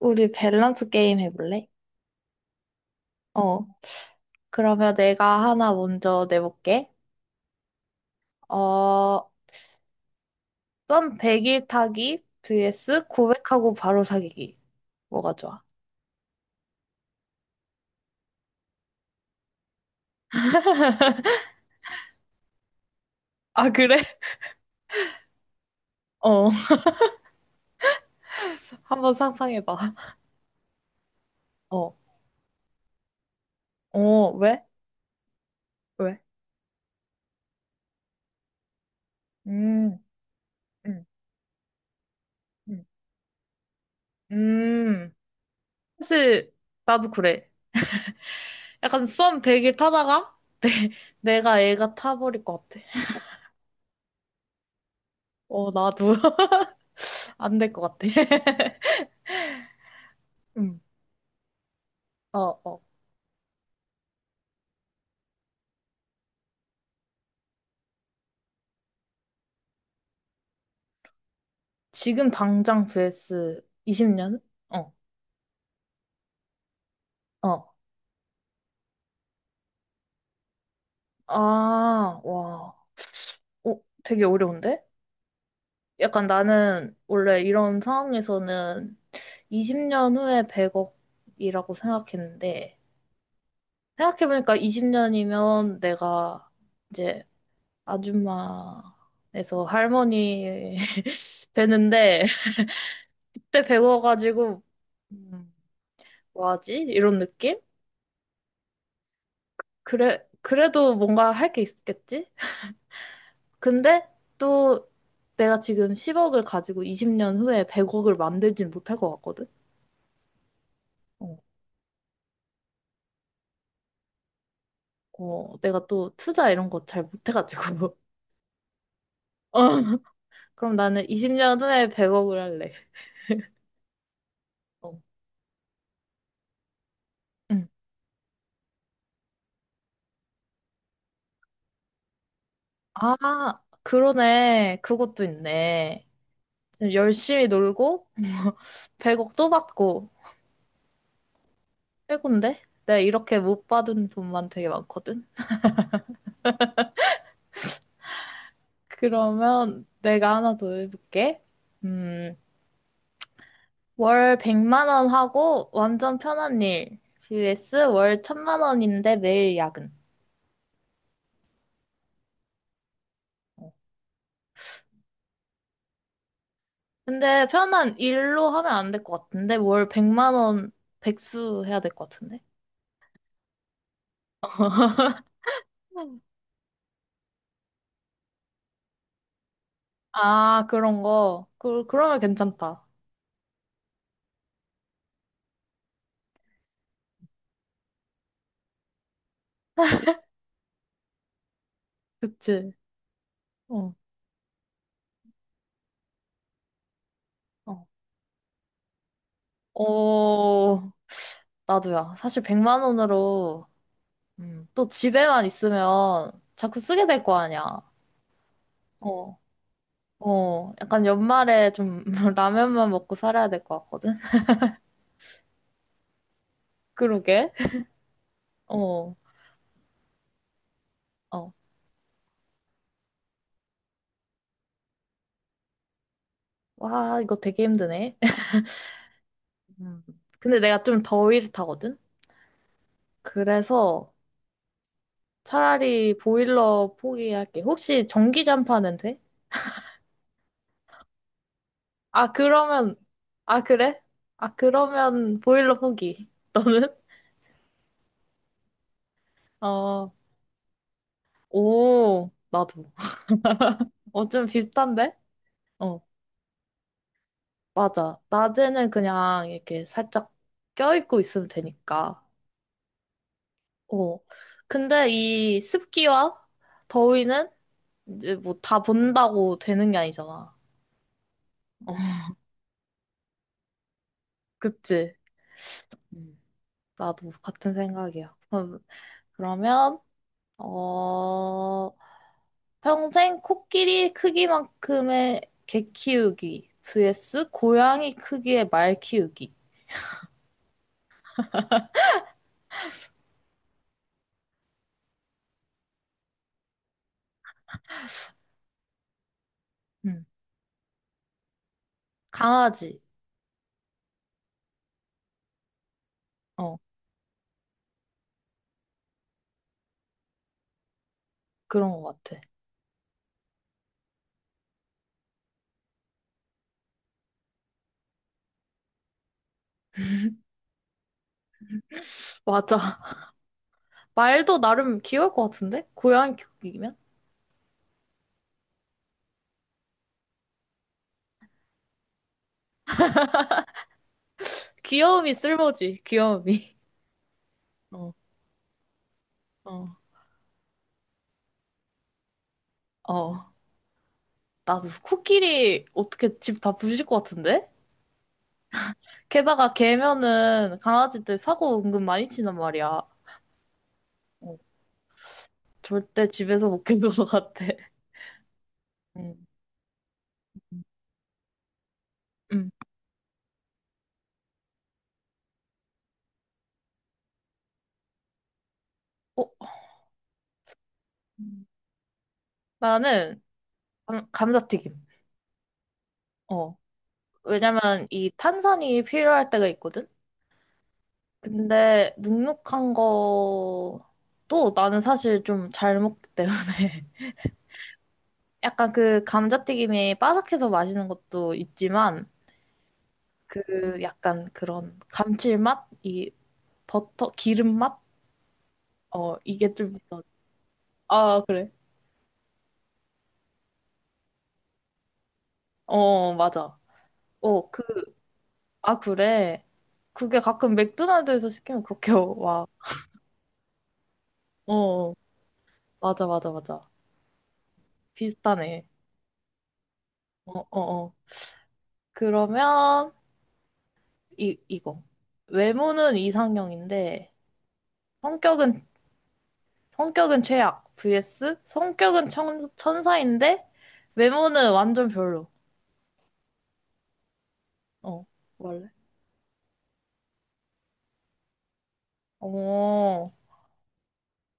우리 밸런스 게임 해볼래? 어, 그러면 내가 하나 먼저 내볼게. 어, 썸 100일 타기 vs 고백하고 바로 사귀기. 뭐가 좋아? 아, 그래? 어, 한번 상상해봐. 어, 어, 왜? 왜? 음, 음, 음. 음. 사실, 나도 그래. 약간 썸 100일 타다가 내가 애가 타버릴 것 같아. 어, 나도 안 될 것 같아. 음, 어, 어. 지금 당장 vs 20년? 어, 어. 아, 와. 어, 되게 어려운데? 약간 나는 원래 이런 상황에서는 20년 후에 100억이라고 생각했는데, 생각해보니까 20년이면 내가 이제 아줌마에서 할머니 되는데, 그때 100억 가지고, 음, 뭐하지? 이런 느낌? 그래, 그래도 뭔가 할 게 있겠지? 근데 또 내가 지금 10억을 가지고 20년 후에 100억을 만들진 못할 것 같거든? 어, 어, 내가 또 투자 이런 거 잘 못해가지고. 어, 그럼 나는 20년 후에 100억을 할래. 어. 응. 아, 그러네. 그것도 있네. 열심히 놀고, 100억 또 받고, 최고인데? 내가 이렇게 못 받은 돈만 되게 많거든? 그러면 내가 하나 더 해볼게. 음. 월 100만 원 하고 완전 편한 일. vs 월 1000만 원인데 매일 야근. 근데 편한 일로 하면 안 될 것 같은데 월 100만 원 백수 해야 될 것 같은데. 음. 아, 그런 거. 그러면 괜찮다. 그치? 어. 어, 어, 나도야. 사실 100만 원으로 또 집에만 있으면 자꾸 쓰게 될 거 아니야. 어. 어, 약간 연말에 좀 라면만 먹고 살아야 될 것 같거든? 그러게. 어, 어. 와, 이거 되게 힘드네. 음. 근데 내가 좀 더위를 타거든? 그래서 차라리 보일러 포기할게. 혹시 전기 잠파는 돼? 아, 그러면, 아, 그래? 아, 그러면 보일러 포기. 너는? 어, 오, 나도. 어, 좀 비슷한데? 어, 맞아. 낮에는 그냥 이렇게 살짝 껴입고 있으면 되니까. 어. 근데 이 습기와 더위는 이제 뭐 다 본다고 되는 게 아니잖아. 어, 그치? 음. 나도 같은 생각이야. 그러면, 어, 평생 코끼리 크기만큼의 개 키우기 vs 고양이 크기의 말 키우기. 음, 강아지. 어, 그런 것 같아. 맞아. 말도 나름 귀여울 것 같은데? 고양이 크기면? 귀여움이 쓸모지, 귀여움이. 어, 어. 어. 나도 코끼리 어떻게 집 다 부실 것 같은데? 게다가 개면은 강아지들 사고 은근 많이 치는 말이야. 어, 절대 집에서 못 키울 것 같아. 음. 음. 어, 음. 나는 감자튀김. 어. 왜냐면 이 탄산이 필요할 때가 있거든? 근데 눅눅한 거도 나는 사실 좀 잘 먹기 때문에 약간 그 감자튀김이 바삭해서 맛있는 것도 있지만 그 약간 그런 감칠맛이 버터 기름 맛? 어 이게 좀 비싸지. 아 그래. 어 맞아. 어 그 아 그래. 그게 가끔 맥도날드에서 시키면 그렇게 와. 어 어. 맞아 맞아 맞아. 비슷하네. 어 어 어. 그러면 이 이거 외모는 이상형인데 성격은 성격은 최악 vs 성격은 천사인데 외모는 완전 별로. 어. 원래. 어,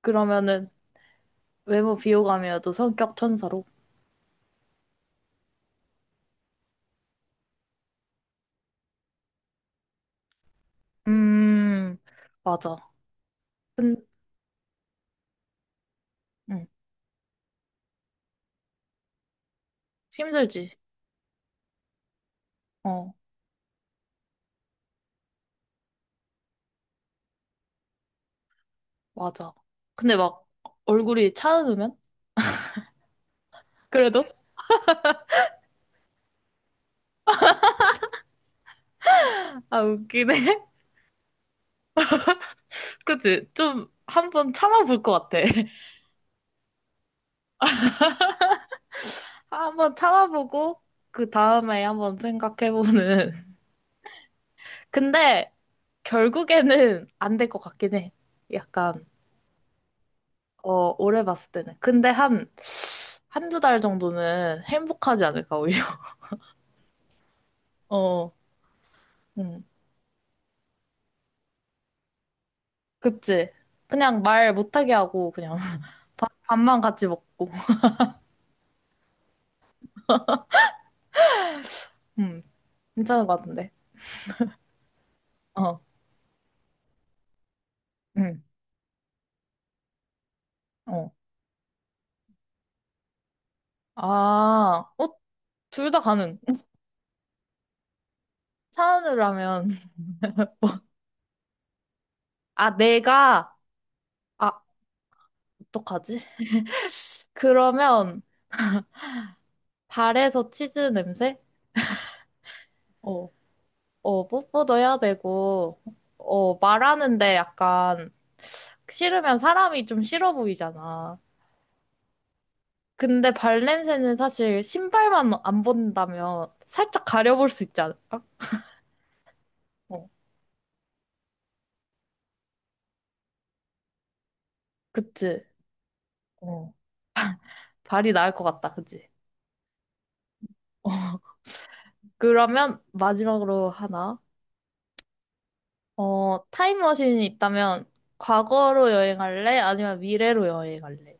그러면은 외모 비호감이어도 성격 천사로? 음, 맞아. 근, 음, 힘들지. 어, 맞아. 근데 막 얼굴이 차가우면? 그래도? 아, 웃기네. 그치? 좀 한 번 참아볼 것 같아. 한 번 참아보고, 그 다음에 한번 생각해보는. 근데 결국에는 안 될 것 같긴 해. 약간, 어, 오래 봤을 때는. 근데 한, 한 두 달 정도는 행복하지 않을까, 오히려. 어, 응 그치? 그냥 말 못하게 하고, 그냥. 밥만 같이 먹고. 음, 괜찮을 것 같은데. 어, 음, 어. 아, 어, 둘 다 가능. 차은우로 하면. 아, 내가, 아, 어떡하지? 그러면, 발에서 치즈 냄새? 어, 어, 뽀뽀도 해야 되고, 어, 말하는데 약간, 싫으면 사람이 좀 싫어 보이잖아. 근데 발 냄새는 사실 신발만 안 본다면 살짝 가려볼 수 있지 않을까? 어, 그치? 어. 발이 나을 것 같다, 그치? 어, 그러면 마지막으로 하나. 어, 타임머신이 있다면 과거로 여행할래? 아니면 미래로 여행할래?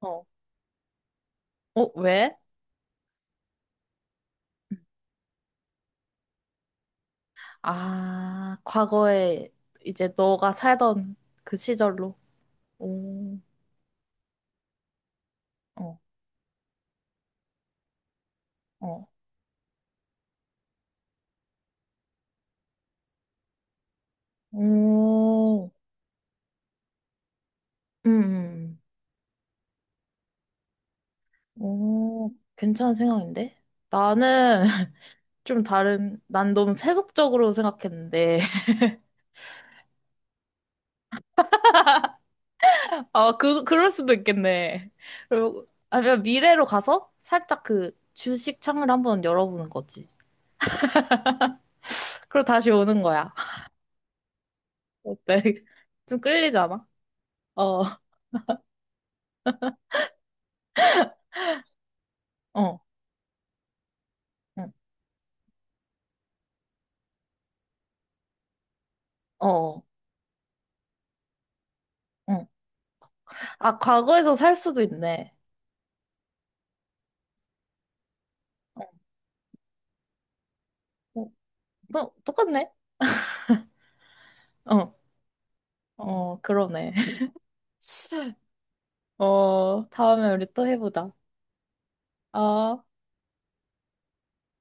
어. 어, 왜? 아, 과거에 이제 너가 살던 그 시절로. 오, 어, 어. 오, 음, 음. 음. 오, 괜찮은 생각인데? 나는 좀 다른, 난 너무 세속적으로 생각했는데. 아, 그럴 수도 있겠네. 그리고, 아니면 미래로 가서 살짝 그 주식 창을 한번 열어보는 거지. 그리고 다시 오는 거야. 어때? 좀 끌리잖아? 어, 어, 응, 어, 어, 응. 아, 과거에서 살 수도 있네. 어, 어, 뭐, 똑같네? 어, 어, 그러네. 어, 다음에 우리 또 해보자. 아.